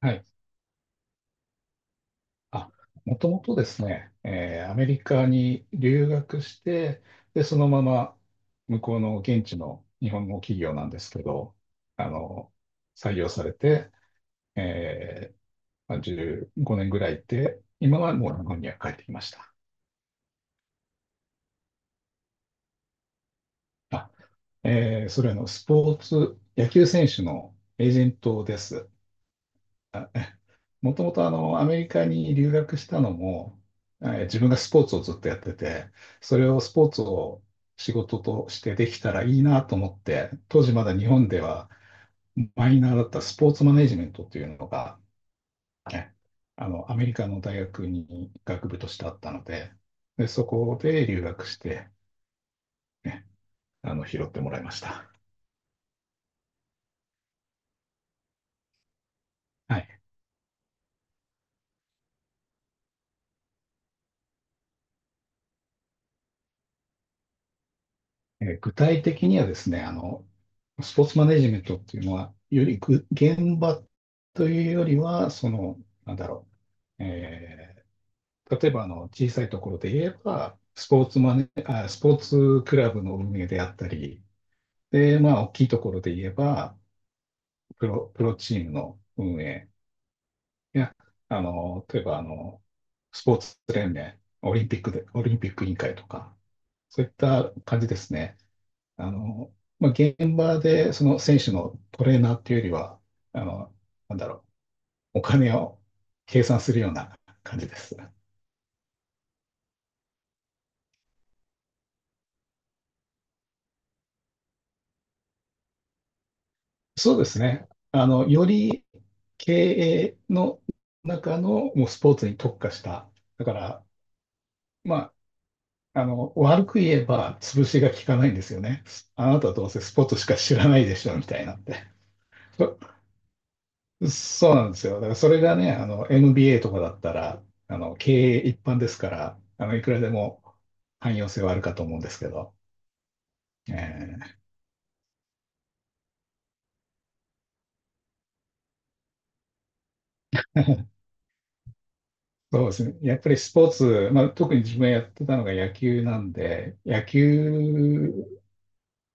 はい。あ、もともとですね、アメリカに留学して、で、そのまま向こうの現地の日本の企業なんですけど、あの、採用されて、えーまあ15年ぐらいいて、今はもう日本には帰ってきました。あ、それはスポーツ、野球選手のエージェントです。もともとアメリカに留学したのも、自分がスポーツをずっとやってて、それをスポーツを仕事としてできたらいいなと思って、当時まだ日本ではマイナーだったスポーツマネジメントというのが、ね、アメリカの大学に学部としてあったので、で、そこで留学して、ね、拾ってもらいました。はい。具体的にはですね、スポーツマネジメントっていうのは、より現場というよりは、なんだろう、例えば小さいところで言えば、スポーツクラブの運営であったり、で、まあ、大きいところで言えば、プロチームの運営や、例えばスポーツ連盟、オリンピック委員会とか、そういった感じですね。あの、まあ、現場でその選手のトレーナーっていうよりは、あの、なんだろう、お金を計算するような感じです。そうですね。より経営の中のもうスポーツに特化した。だから、まあ、悪く言えば潰しが効かないんですよね。あなたはどうせスポーツしか知らないでしょ、みたいなんて。そうなんですよ。だからそれがね、MBA とかだったら、経営一般ですから、いくらでも汎用性はあるかと思うんですけど、ええ。そうですね。やっぱりスポーツ、まあ、特に自分がやってたのが野球なんで、野球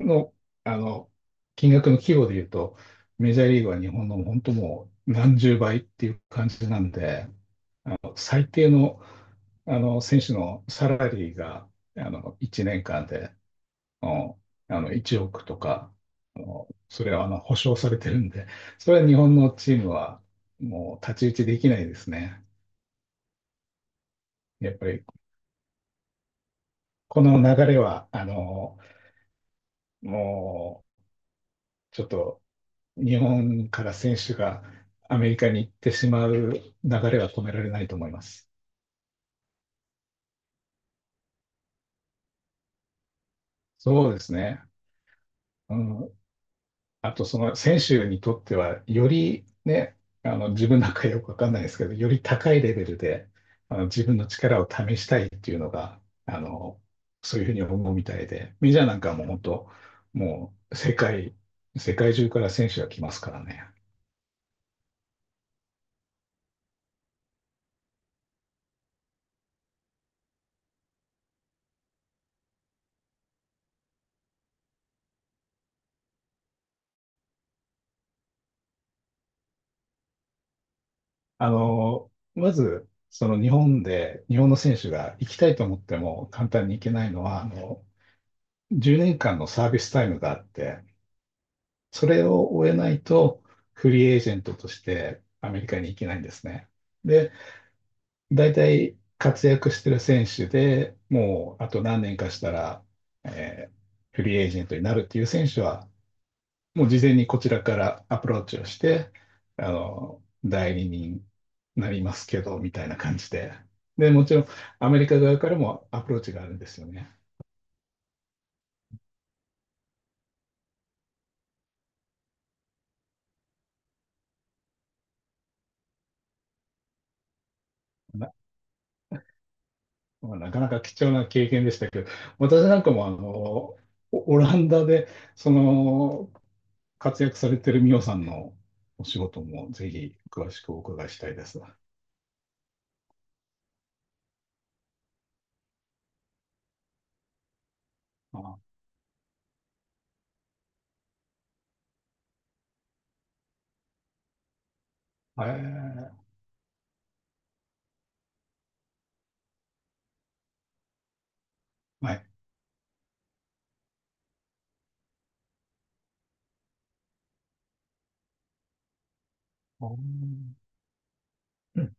の、あの、金額の規模で言うと、メジャーリーグは日本の本当もう何十倍っていう感じなんで、最低の、選手のサラリーが1年間で、うん、1億とか、それは保証されてるんで、それは日本のチームはもう太刀打ちできないですね。やっぱりこの流れは、もうちょっと日本から選手がアメリカに行ってしまう流れは止められないと思います。そうですね。うん、あと、その選手にとっては、よりね、自分なんかよくわかんないですけど、より高いレベルで自分の力を試したいっていうのが、そういうふうに思うみたいで、メジャーなんかも本当、もう世界中から選手が来ますからね。まず、日本の選手が行きたいと思っても簡単に行けないのは、10年間のサービスタイムがあって、それを終えないと、フリーエージェントとしてアメリカに行けないんですね。で、大体活躍してる選手でもうあと何年かしたら、えーフリーエージェントになるっていう選手は、もう事前にこちらからアプローチをして、あの、代理人になりますけど、みたいな感じで。で、もちろんアメリカ側からもアプローチがあるんですよね。まあ、なかなか貴重な経験でしたけど、私なんかもオオランダで、その、活躍されてるミオさんのお仕事もぜひ詳しくお伺いしたいです。あ、えー、はい。うん。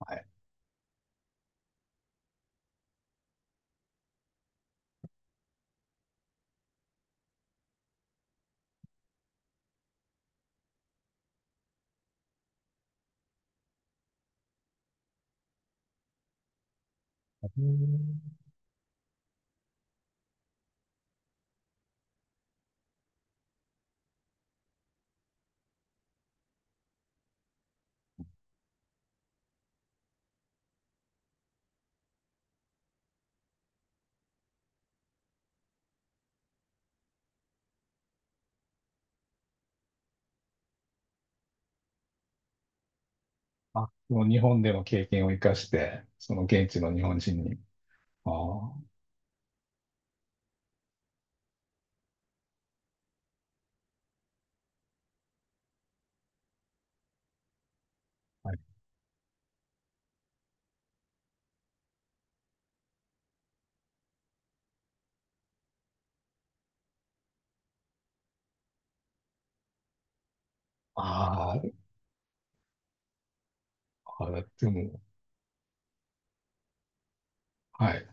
はい。うん。その日本での経験を生かして、その現地の日本人に。ああ、はい。ああ、あれでも、はい。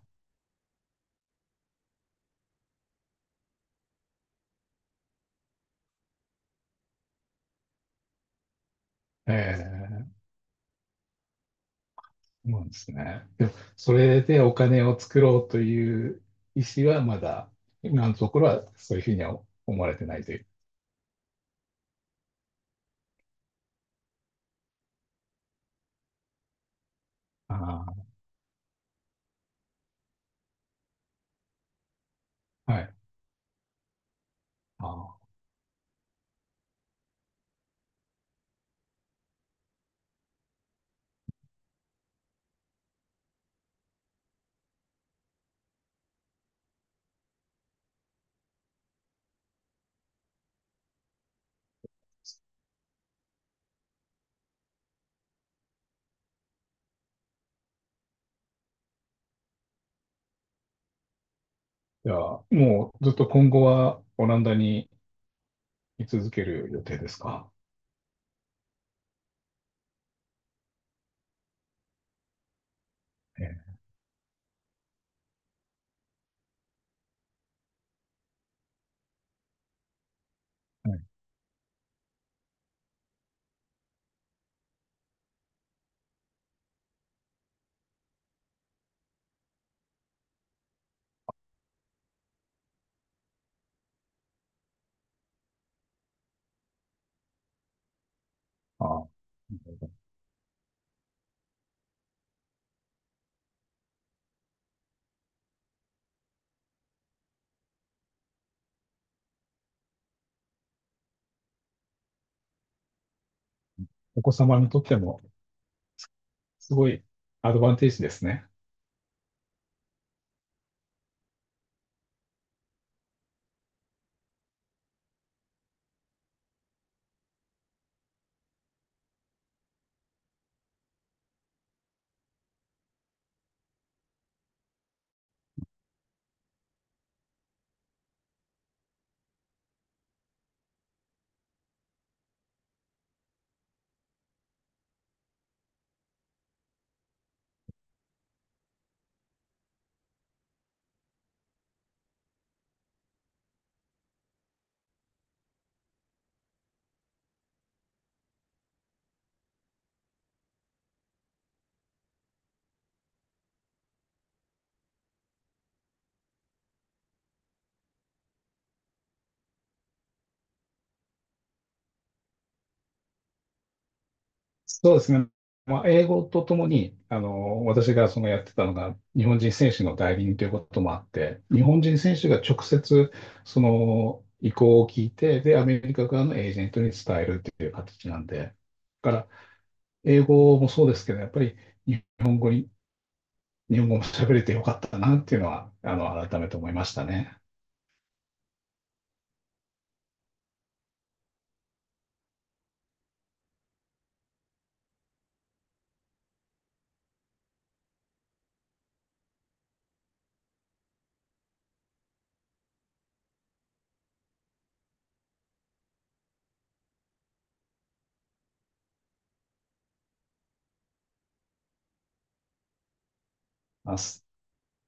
ええ、そうなんですね。でも、それでお金を作ろうという意思はまだ、今のところはそういうふうには思われてないという。ああ、はい。ああ、じゃあ、もうずっと今後はオランダに居続ける予定ですか？ええ、はい。ああ、なるほど。お子様にとってもすごいアドバンテージですね。そうですね。まあ、英語とともに、私がそのやってたのが、日本人選手の代理人ということもあって、日本人選手が直接、その意向を聞いて、で、アメリカ側のエージェントに伝えるっていう形なんで、だから、英語もそうですけど、やっぱり日本語に、日本語も喋れてよかったなっていうのは、改めて思いましたね。ます